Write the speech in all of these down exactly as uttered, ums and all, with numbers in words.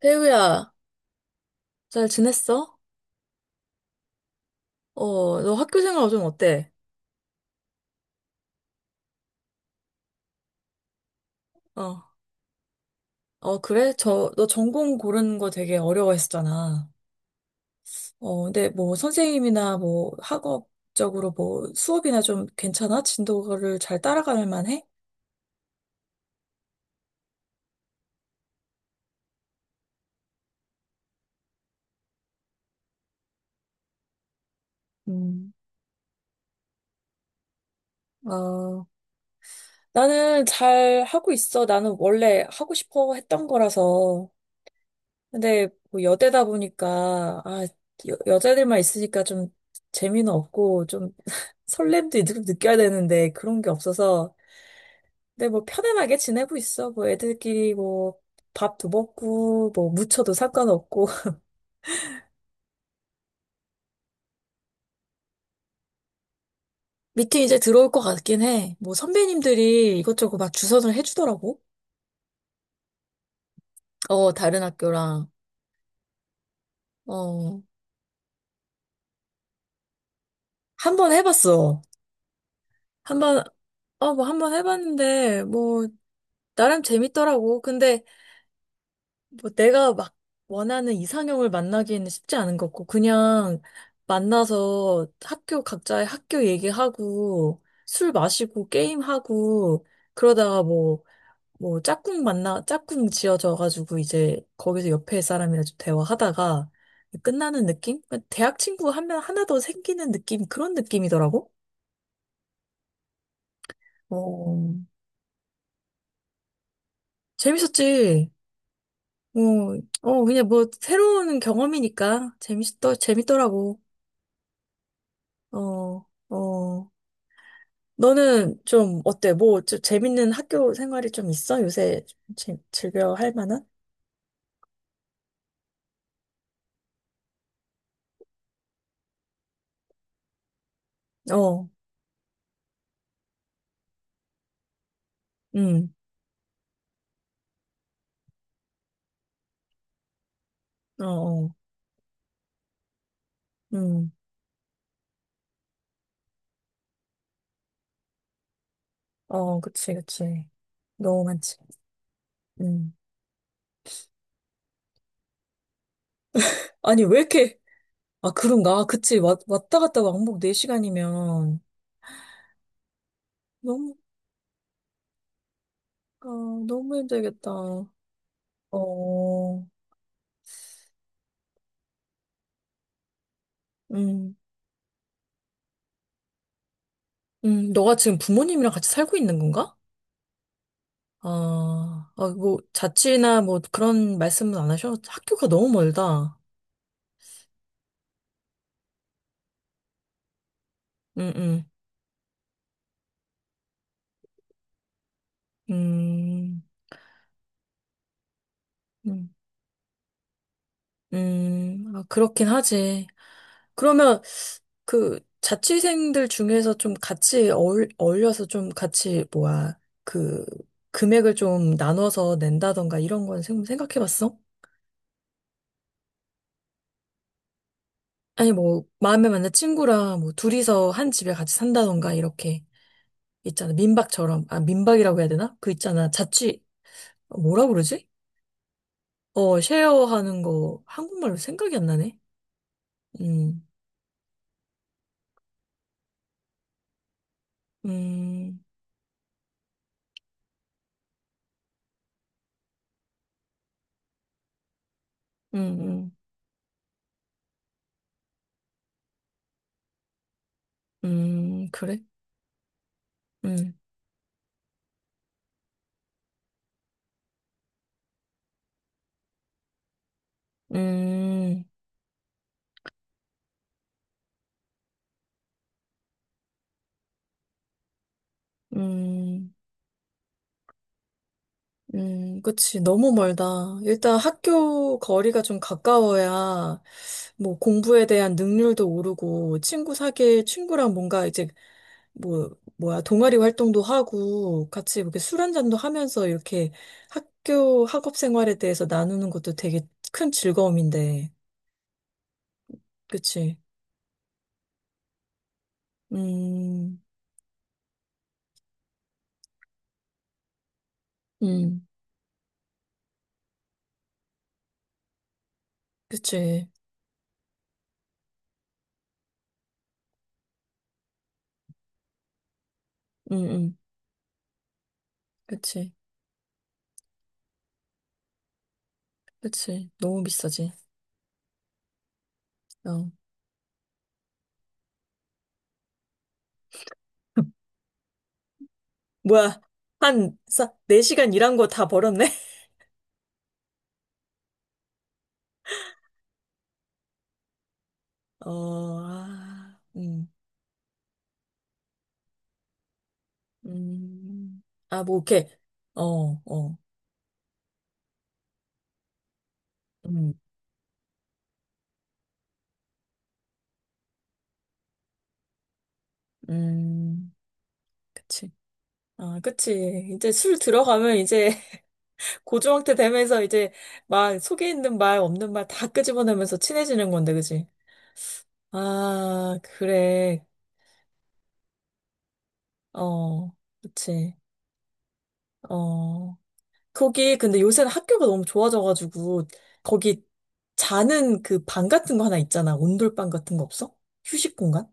태우야, 잘 지냈어? 어, 너 학교 생활 요즘 어때? 어, 어, 그래? 저, 너 전공 고르는 거 되게 어려워했었잖아. 어, 근데 뭐 선생님이나 뭐 학업적으로 뭐 수업이나 좀 괜찮아? 진도를 잘 따라갈 만해? 음, 어, 나는 잘 하고 있어. 나는 원래 하고 싶어 했던 거라서. 근데 뭐 여대다 보니까 아 여, 여자들만 있으니까 좀 재미는 없고 좀 설렘도 좀 느껴야 되는데 그런 게 없어서 근데 뭐 편안하게 지내고 있어 뭐 애들끼리 뭐 밥도 먹고 뭐 무쳐도 상관없고 미팅 이제 들어올 것 같긴 해 뭐 선배님들이 이것저것 막 주선을 해주더라고 어 다른 학교랑 어 한 번 해봤어 한 번 어 뭐 한 번 해봤는데 뭐 나름 재밌더라고 근데 뭐 내가 막 원하는 이상형을 만나기에는 쉽지 않은 것 같고, 그냥 만나서 학교 각자의 학교 얘기하고, 술 마시고, 게임하고, 그러다가 뭐, 뭐 짝꿍 만나, 짝꿍 지어져가지고 이제 거기서 옆에 사람이랑 좀 대화하다가 끝나는 느낌? 대학 친구 한 명 하나 더 생기는 느낌, 그런 느낌이더라고? 어, 재밌었지. 어, 어, 그냥 뭐 새로운 경험이니까 재밌더, 재밌더라고. 어, 어. 너는 좀 어때? 뭐, 좀 재밌는 학교 생활이 좀 있어? 요새 좀 재- 즐겨 할 만한? 어, 음, 어, 어, 음, 어, 그치, 그치. 너무 많지. 음. 아니, 왜 이렇게, 아, 그런가? 그치. 왔, 왔다 갔다 왕복 네 시간이면 너무, 아, 너무 힘들겠다. 어, 음, 음. 너가 지금 부모님이랑 같이 살고 있는 건가? 아, 아, 뭐, 자취나 뭐 그런 말씀은 안 하셔? 학교가 너무 멀다. 응, 응. 음, 음, 음, 아, 그렇긴 하지. 그러면 그 자취생들 중에서 좀 같이 어울, 어울려서 좀 같이, 뭐야, 그 금액을 좀 나눠서 낸다던가 이런 건 생- 생각해 봤어? 아니, 뭐, 마음에 맞는 친구랑 뭐 둘이서 한 집에 같이 산다던가 이렇게 있잖아. 민박처럼. 아, 민박이라고 해야 되나? 그 있잖아. 자취, 뭐라 그러지? 어, 쉐어하는 거 한국말로 생각이 안 나네. 음, 음, 음, 음, 음, 그래? 음, 음, 음, 음, 그치. 너무 멀다. 일단 학교 거리가 좀 가까워야 뭐 공부에 대한 능률도 오르고 친구 사귈 친구랑 뭔가 이제 뭐 뭐야 동아리 활동도 하고 같이 이렇게 술 한 잔도 하면서 이렇게 학교 학업 생활에 대해서 나누는 것도 되게 큰 즐거움인데. 그치? 음, 음, 그치. 음, 음, 그치. 그치. 너무 비싸지. 어. 뭐야. 한, 싸, 네 시간 일한 거 다 벌었네? 어, 아, 음, 음. 아, 뭐, 이렇게. 어, 어, 음, 음. 그치. 아, 그치. 이제 술 들어가면 이제 고주망태 되면서 이제 막 속에 있는 말, 없는 말 다 끄집어내면서 친해지는 건데, 그치? 아, 그래. 어, 그치. 어, 거기 근데 요새는 학교가 너무 좋아져가지고 거기 자는 그 방 같은 거 하나 있잖아. 온돌방 같은 거 없어? 휴식 공간?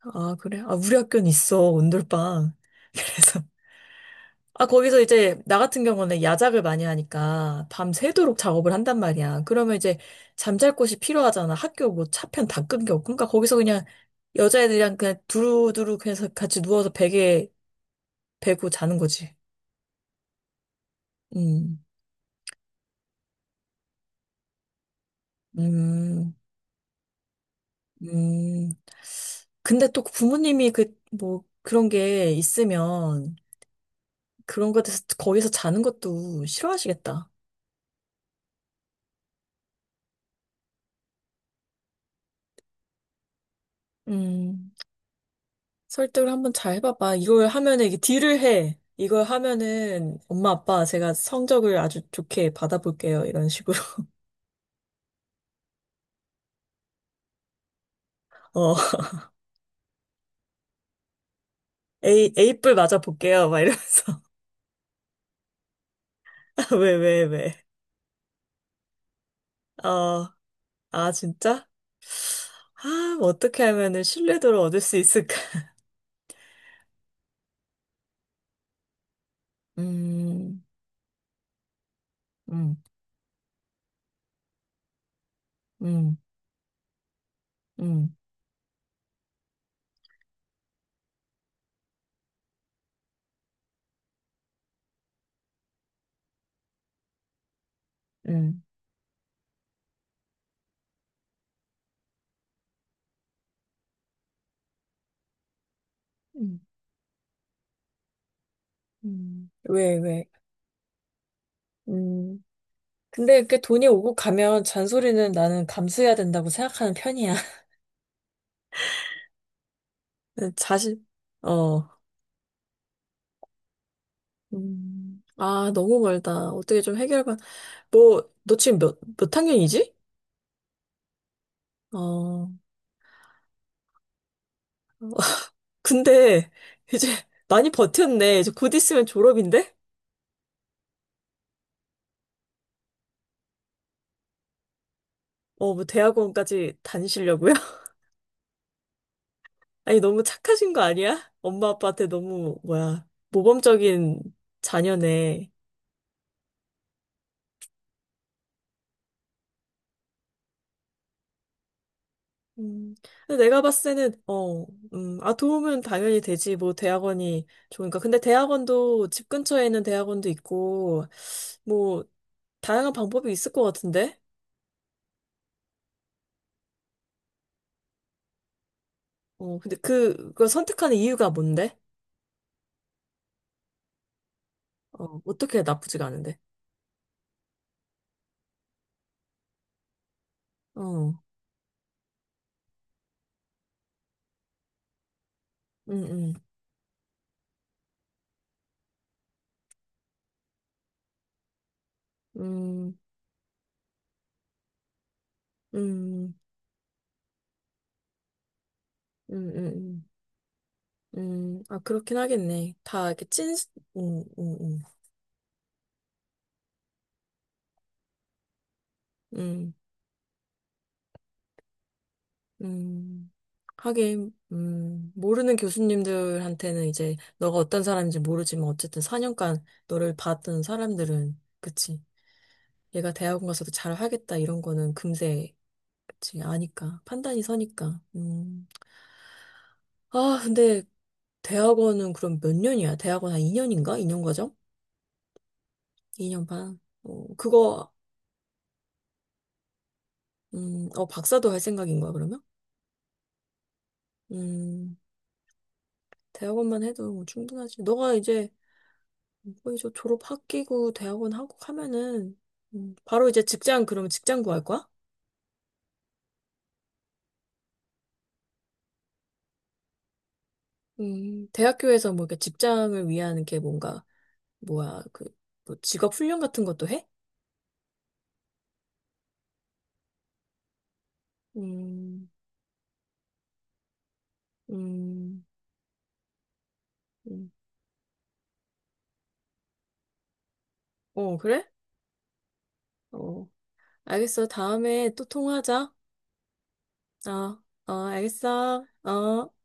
아, 그래? 아, 우리 학교는 있어, 온돌방. 그래서. 아, 거기서 이제 나 같은 경우는 야작을 많이 하니까 밤새도록 작업을 한단 말이야. 그러면 이제 잠잘 곳이 필요하잖아. 학교 뭐 차편 다 끊겨. 그러니까 거기서 그냥 여자애들이랑 그냥 두루두루 그냥 같이 누워서 베개 베고 자는 거지. 음. 음. 음. 근데 또 부모님이 그, 뭐, 그런 게 있으면 그런 것에서 거기서 자는 것도 싫어하시겠다. 음. 설득을 한번 잘 해봐봐. 이걸 하면은 이게 딜을 해. 이걸 하면은 엄마 아빠 제가 성적을 아주 좋게 받아볼게요. 이런 식으로. 어. A, A뿔 맞아볼게요. 막 이러면서. 왜, 왜, 왜. 어. 아, 진짜? 아, 뭐 어떻게 하면은 신뢰도를 얻을 수 있을까? 음, 음, 음, 음, 음. 음, 음. 왜, 왜. 음. 근데 이렇게 돈이 오고 가면 잔소리는 나는 감수해야 된다고 생각하는 편이야. 자신, 어. 음. 아, 너무 멀다. 어떻게 좀 해결만. 뭐, 너 지금 몇, 몇 학년이지? 어. 근데 이제 많이 버텼네. 이제 곧 있으면 졸업인데? 어, 뭐 대학원까지 다니시려고요? 아니, 너무 착하신 거 아니야? 엄마 아빠한테 너무, 뭐야, 모범적인 자녀네. 음, 근데 내가 봤을 때는, 어, 음, 아, 도움은 당연히 되지. 뭐, 대학원이 좋으니까. 근데 대학원도, 집 근처에 있는 대학원도 있고, 뭐, 다양한 방법이 있을 것 같은데? 어, 근데 그, 그걸 선택하는 이유가 뭔데? 어, 어떻게 나쁘지가 않은데? 어, 음, 음, 음, 음, 음, 음, 음, 음. 아, 그렇긴 하겠네. 다 이렇게 찐, 음, 음, 음, 음, 음. 하긴, 음, 모르는 교수님들한테는 이제 너가 어떤 사람인지 모르지만 어쨌든 사 년간 너를 봤던 사람들은, 그치. 얘가 대학원 가서도 잘 하겠다 이런 거는 금세, 그치. 아니까. 판단이 서니까. 음. 아, 근데 대학원은 그럼 몇 년이야? 대학원 한 이 년인가? 이 년 과정? 이 년 반. 어, 그거, 음, 어, 박사도 할 생각인 거야, 그러면? 음, 대학원만 해도 충분하지. 너가 이제 거의 저 졸업 학기고 대학원 하고 하면은 음, 바로 이제 직장 그러면 직장 구할 거야? 음, 대학교에서 뭐 이렇게 직장을 위한 게 뭔가 뭐야 그뭐 직업 훈련 같은 것도 해? 음, 음, 음. 어 그래? 어 알겠어 다음에 또 통화하자. 어, 어 알겠어. 어.